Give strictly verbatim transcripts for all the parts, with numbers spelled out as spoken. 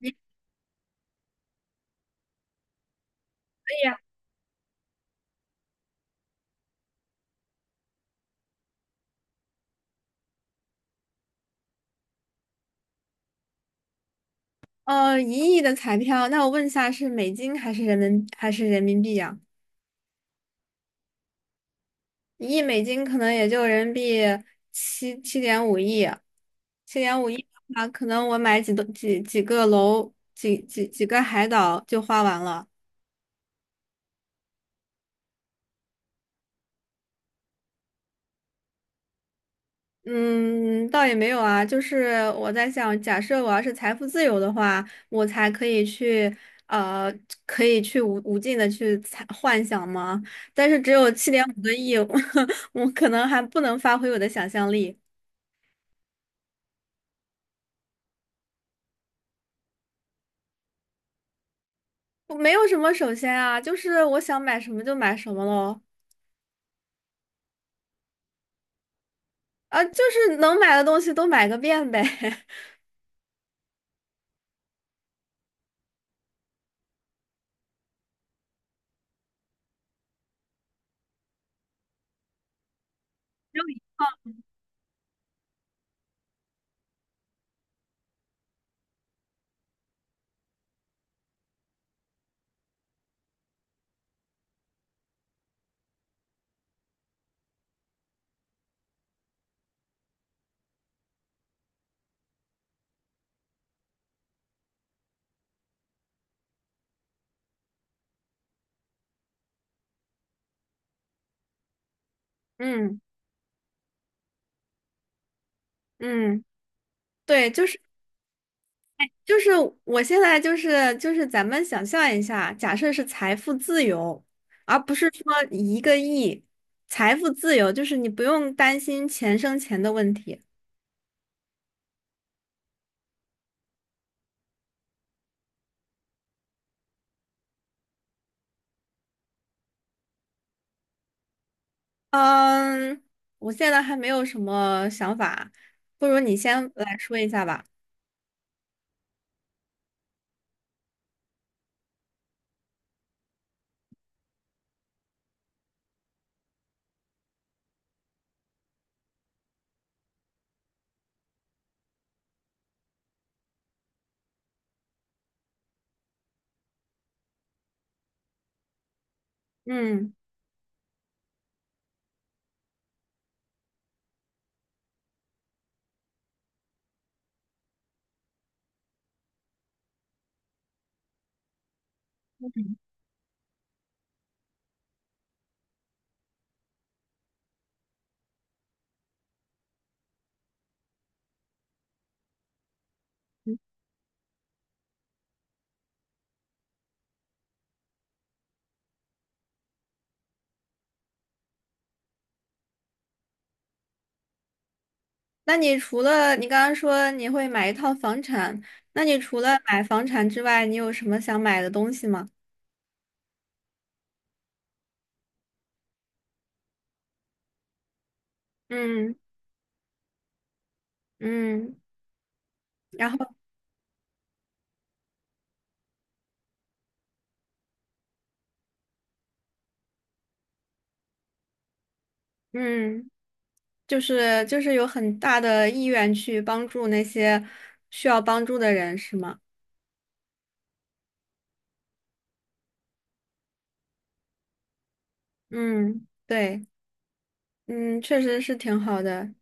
也可以啊。呃，一亿的彩票。那我问一下，是美金还是人民还是人民币呀？一亿美金可能也就人民币七七点五亿，七点五亿的话，可能我买几栋几几个楼，几几几个海岛就花完了。嗯。倒也没有啊，就是我在想，假设我要是财富自由的话，我才可以去，呃，可以去无无尽的去猜幻想吗？但是只有七点五个亿，我可能还不能发挥我的想象力。我没有什么首先啊，就是我想买什么就买什么喽。啊，就是能买的东西都买个遍呗。嗯嗯，对，就是。就是我现在就是就是咱们想象一下，假设是财富自由，而不是说一个亿，财富自由就是你不用担心钱生钱的问题。嗯。我现在还没有什么想法，不如你先来说一下吧。嗯。那你除了你刚刚说你会买一套房产，那你除了买房产之外，你有什么想买的东西吗？嗯嗯，然后嗯。就是就是有很大的意愿去帮助那些需要帮助的人，是吗？嗯，对，嗯，确实是挺好的。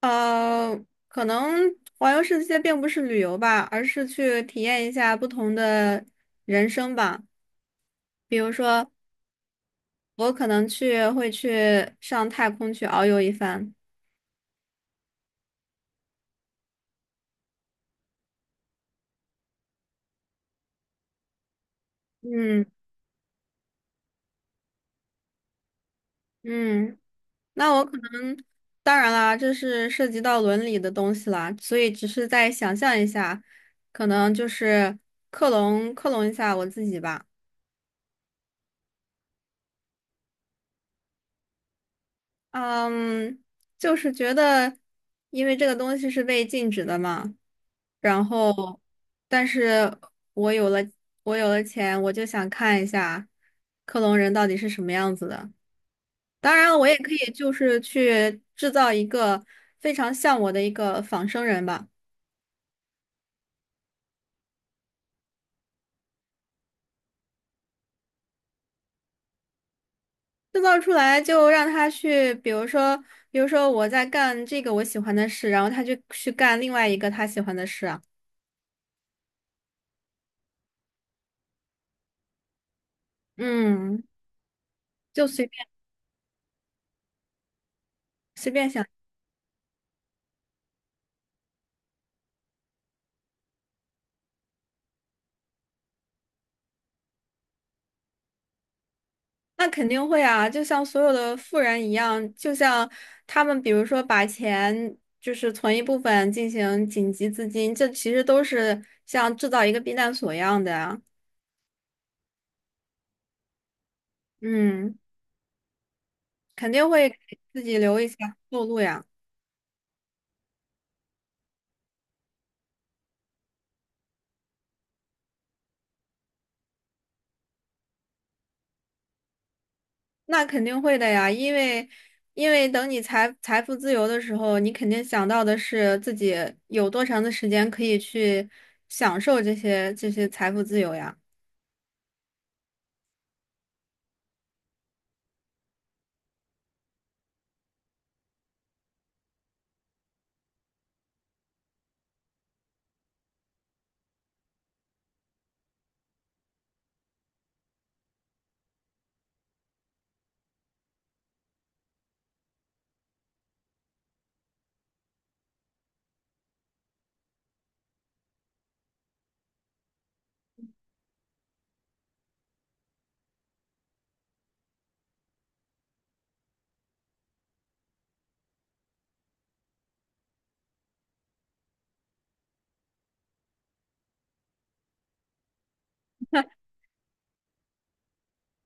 呃，可能环游世界并不是旅游吧，而是去体验一下不同的人生吧。比如说，我可能去会去上太空去遨游一番。嗯嗯。那我可能，当然啦，这是涉及到伦理的东西啦，所以只是在想象一下，可能就是克隆克隆一下我自己吧。嗯，就是觉得，因为这个东西是被禁止的嘛，然后，但是我有了我有了钱，我就想看一下克隆人到底是什么样子的。当然，我也可以就是去制造一个非常像我的一个仿生人吧。制造出来就让他去，比如说，比如说我在干这个我喜欢的事，然后他就去干另外一个他喜欢的事啊。嗯，就随便随便想。那肯定会啊，就像所有的富人一样，就像他们，比如说把钱就是存一部分进行紧急资金，这其实都是像制造一个避难所一样的啊。嗯，肯定会给自己留一些后路呀。那肯定会的呀，因为因为等你财财富自由的时候，你肯定想到的是自己有多长的时间可以去享受这些这些财富自由呀。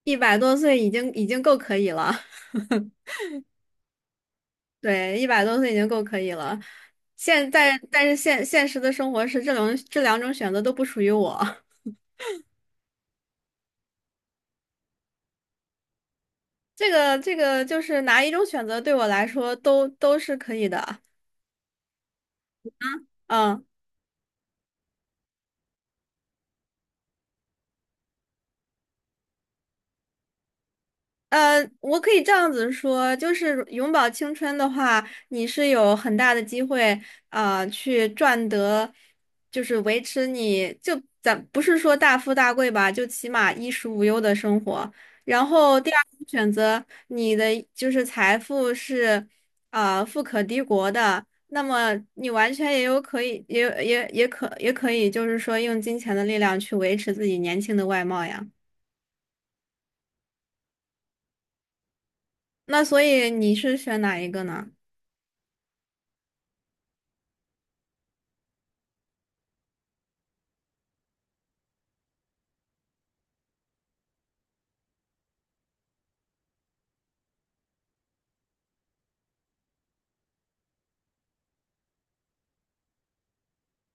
一百多岁已经已经够可以了。对，一百多岁已经够可以了。现在但是现现实的生活是这种这两种选择都不属于我。这个这个就是哪一种选择对我来说都都是可以的。嗯。呃，我可以这样子说，就是永葆青春的话，你是有很大的机会，啊，去赚得，就是维持你就咱不是说大富大贵吧，就起码衣食无忧的生活。然后第二种选择，你的就是财富是，啊，富可敌国的，那么你完全也有可以，也也也可也可以，就是说用金钱的力量去维持自己年轻的外貌呀。那所以你是选哪一个呢？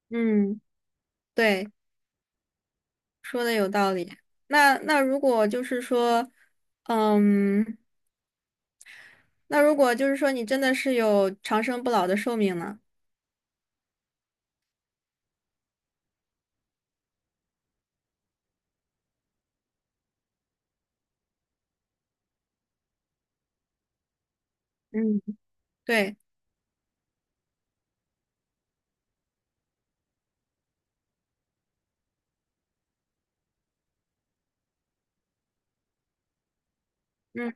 嗯，对，说的有道理。那那如果就是说，嗯，那如果就是说你真的是有长生不老的寿命呢？嗯，对，嗯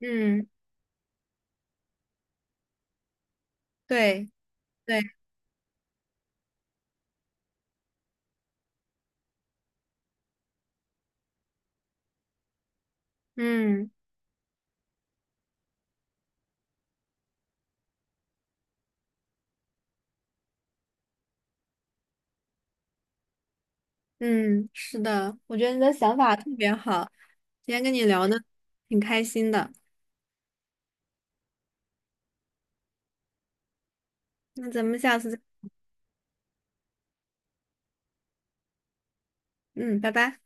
嗯，对对，嗯嗯，是的，我觉得你的想法特别好，今天跟你聊的挺开心的。那咱们下次再，嗯，拜拜。